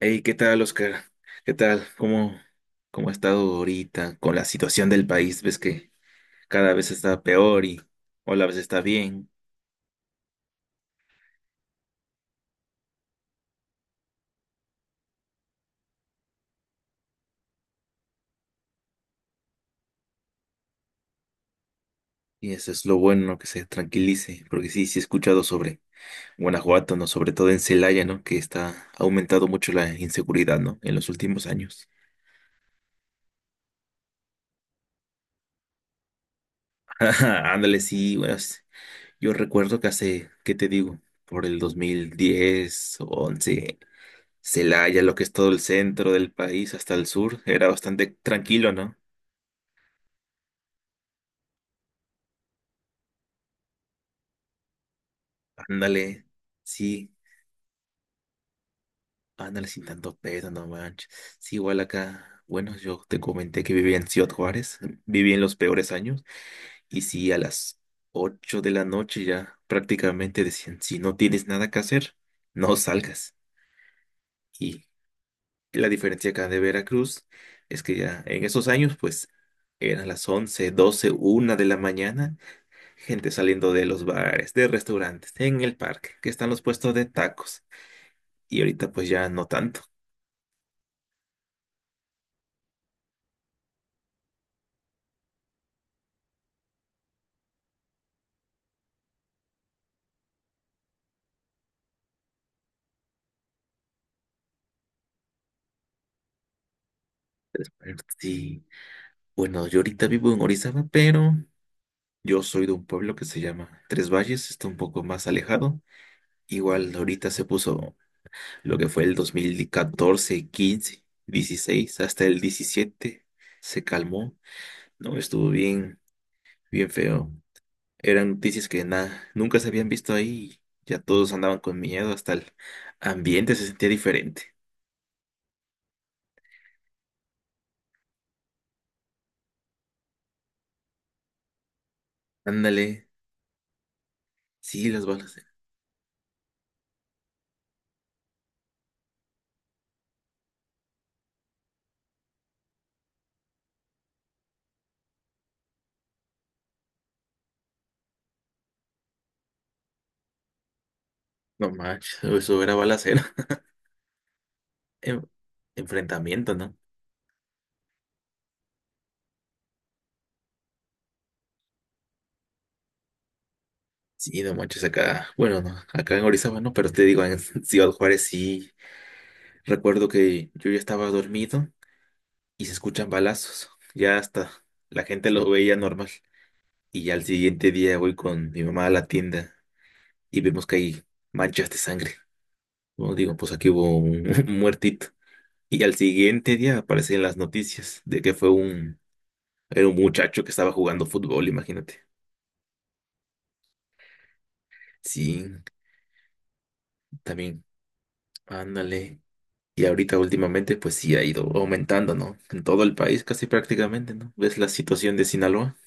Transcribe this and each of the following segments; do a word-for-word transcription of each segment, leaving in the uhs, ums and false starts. Hey, ¿qué tal, Oscar? ¿Qué tal? ¿Cómo, cómo ha estado ahorita con la situación del país? Ves que cada vez está peor y o la vez está bien. Y eso es lo bueno, ¿no? Que se tranquilice. Porque sí, sí he escuchado sobre Guanajuato, ¿no? Sobre todo en Celaya, ¿no? Que está ha aumentado mucho la inseguridad, ¿no? En los últimos años. Ándale, sí, bueno, s- yo recuerdo que hace, ¿qué te digo? Por el dos mil diez o once. Celaya, lo que es todo el centro del país hasta el sur, era bastante tranquilo, ¿no? Ándale, sí, ándale, sin tanto peso, no manches. Sí, igual acá, bueno, yo te comenté que vivía en Ciudad Juárez, viví en los peores años, y sí, a las ocho de la noche ya prácticamente decían, si no tienes nada que hacer, no salgas. Y la diferencia acá de Veracruz es que ya en esos años, pues, eran las once, doce, una de la mañana, gente saliendo de los bares, de restaurantes, en el parque, que están los puestos de tacos. Y ahorita pues ya no tanto. Pero sí. Bueno, yo ahorita vivo en Orizaba, pero yo soy de un pueblo que se llama Tres Valles, está un poco más alejado. Igual ahorita se puso, lo que fue el dos mil catorce, quince, dieciséis hasta el diecisiete, se calmó. No, estuvo bien, bien feo. Eran noticias que nada, nunca se habían visto ahí. Ya todos andaban con miedo, hasta el ambiente se sentía diferente. Ándale, sí, las balas. No manches, eso era balacera. Em- enfrentamiento, ¿no? Sí, no manches, acá. Bueno, no, acá en Orizaba no, pero te digo, en Ciudad Juárez sí. Recuerdo que yo ya estaba dormido y se escuchan balazos. Ya hasta la gente lo veía normal. Y ya al siguiente día voy con mi mamá a la tienda y vemos que hay manchas de sangre. Bueno, digo, pues aquí hubo un, un muertito. Y al siguiente día aparecen las noticias de que fue un, era un muchacho que estaba jugando fútbol, imagínate. Sí, también, ándale. Y ahorita últimamente, pues sí ha ido aumentando, ¿no? En todo el país casi prácticamente, ¿no? ¿Ves la situación de Sinaloa?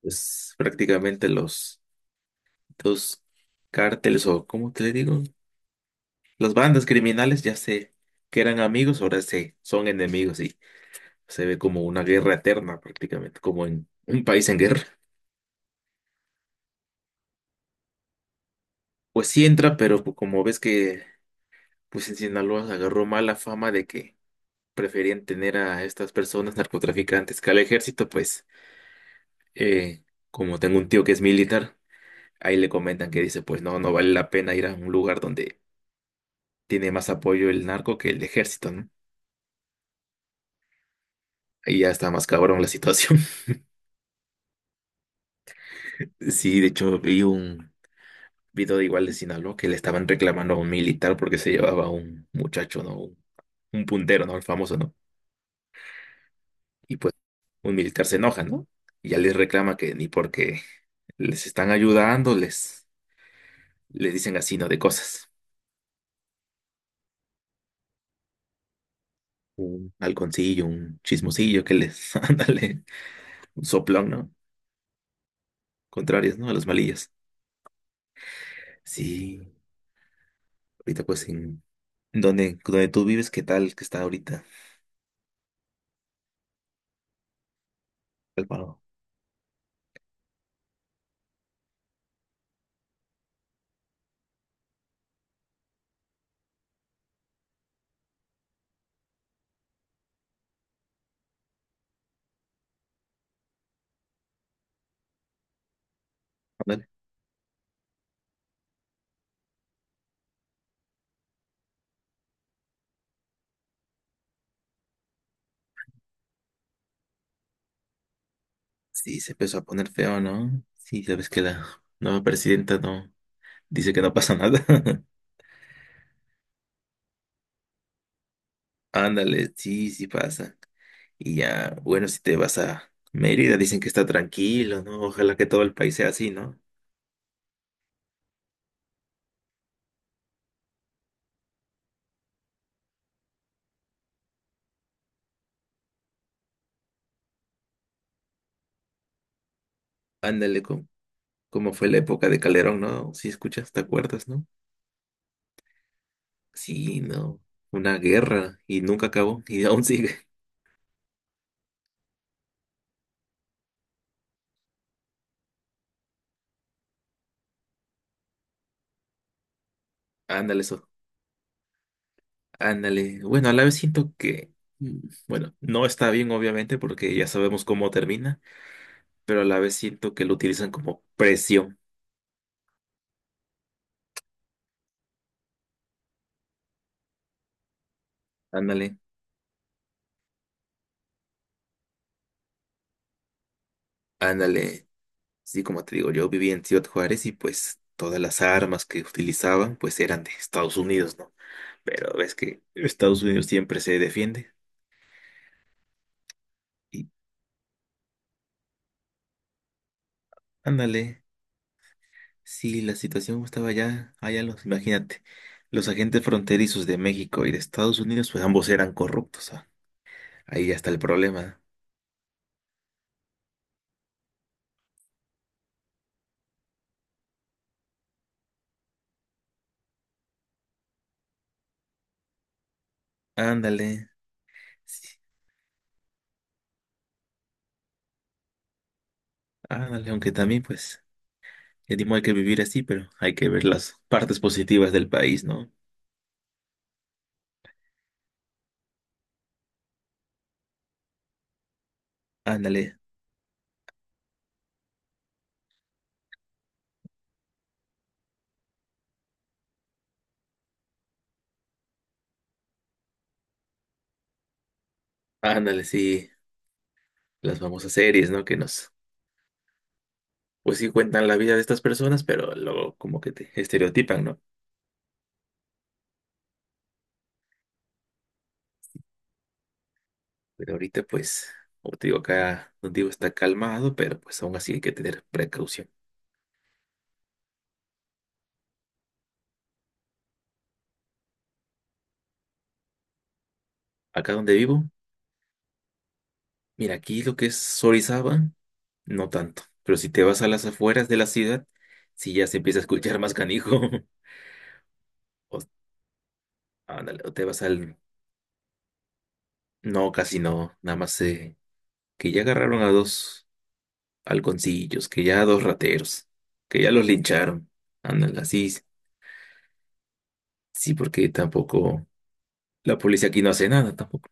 Pues prácticamente los dos cárteles o, ¿cómo te le digo? Las bandas criminales ya sé que eran amigos, ahora se son enemigos. Se ve como una guerra eterna prácticamente, como en un país en guerra. Pues sí entra, pero pues como ves que pues en Sinaloa se agarró mala fama de que preferían tener a estas personas narcotraficantes que al ejército, pues eh, como tengo un tío que es militar, ahí le comentan que dice, pues no, no vale la pena ir a un lugar donde tiene más apoyo el narco que el ejército, ¿no? Ahí ya está más cabrón la situación. Sí, de hecho vi un video de igual de Sinaloa que le estaban reclamando a un militar porque se llevaba a un muchacho, ¿no? Un, un puntero, ¿no? El famoso, ¿no? Y pues un militar se enoja, ¿no? Y ya les reclama que ni porque les están ayudando, les, les dicen así, ¿no? De cosas. Un halconcillo, un chismosillo que les, ándale, un soplón, ¿no? Contrarios, ¿no? A los malillas. Sí, ahorita pues en... ¿Dónde, dónde tú vives? ¿Qué tal que está ahorita? ¿Álvaro? Sí, se empezó a poner feo, ¿no? Sí, sabes que la nueva presidenta no dice que no pasa nada. Ándale, sí, sí pasa. Y ya, bueno, si te vas a Mérida, dicen que está tranquilo, ¿no? Ojalá que todo el país sea así, ¿no? Ándale, como, como fue la época de Calderón, ¿no? Si escuchas, ¿te acuerdas, no? Sí, no. Una guerra y nunca acabó y aún sigue. Ándale, eso. Ándale. Bueno, a la vez siento que, mm, bueno, no está bien, obviamente, porque ya sabemos cómo termina, pero a la vez siento que lo utilizan como precio. Ándale, ándale. Sí, como te digo, yo viví en Ciudad Juárez y pues todas las armas que utilizaban pues eran de Estados Unidos, ¿no? Pero ves que Estados Unidos siempre se defiende. Y ándale, si la situación estaba allá, allá los, imagínate, los agentes fronterizos de México y de Estados Unidos pues ambos eran corruptos, ah, ahí ya está el problema. Ándale, sí, ándale, aunque también pues... El mismo hay que vivir así, pero hay que ver las partes positivas del país, ¿no? Ándale, ándale, sí, las famosas series, ¿no? Que nos, pues sí cuentan la vida de estas personas, pero luego como que te estereotipan, ¿no? Pero ahorita, pues, como te digo, acá donde digo está calmado, pero pues aún así hay que tener precaución. Acá donde vivo, mira, aquí lo que es Orizaba, no tanto, pero si te vas a las afueras de la ciudad, sí ya se empieza a escuchar más canijo. O, ándale, o te vas al... No, casi no, nada más se que ya agarraron a dos halconcillos, que ya a dos rateros, que ya los lincharon. Ándale, así, sí, porque tampoco la policía aquí no hace nada tampoco.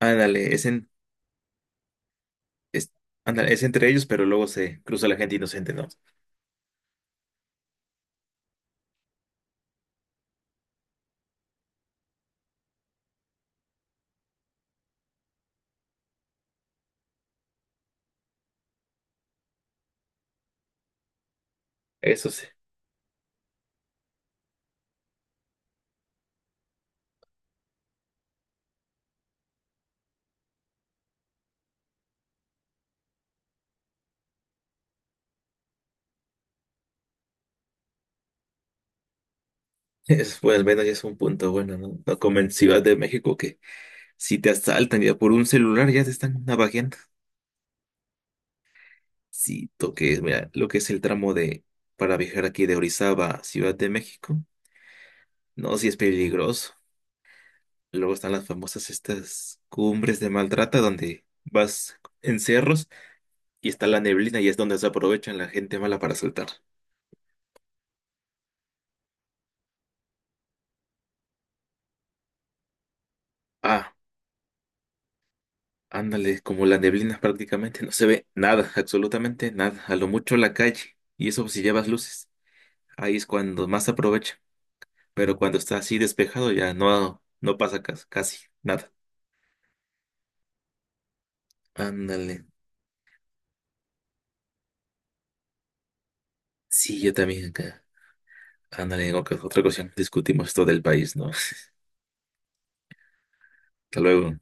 Ándale, es en, es, ándale, es entre ellos, pero luego se cruza la gente inocente, ¿no? Eso sí. Eso, pues al menos ya es un punto bueno, ¿no? No como en Ciudad de México que si te asaltan ya por un celular ya te están navajeando. Sí, toques, mira, lo que es el tramo de para viajar aquí de Orizaba a Ciudad de México, no, sí es peligroso. Luego están las famosas estas cumbres de Maltrata donde vas en cerros y está la neblina y es donde se aprovechan la gente mala para saltar. Ah, ándale, como la neblina prácticamente no se ve nada, absolutamente nada, a lo mucho la calle. Y eso si llevas luces, ahí es cuando más se aprovecha. Pero cuando está así despejado ya no, no pasa casi, casi nada. Ándale. Sí, yo también acá. Ándale, en oca- otra ocasión discutimos todo el país, ¿no? Hasta luego.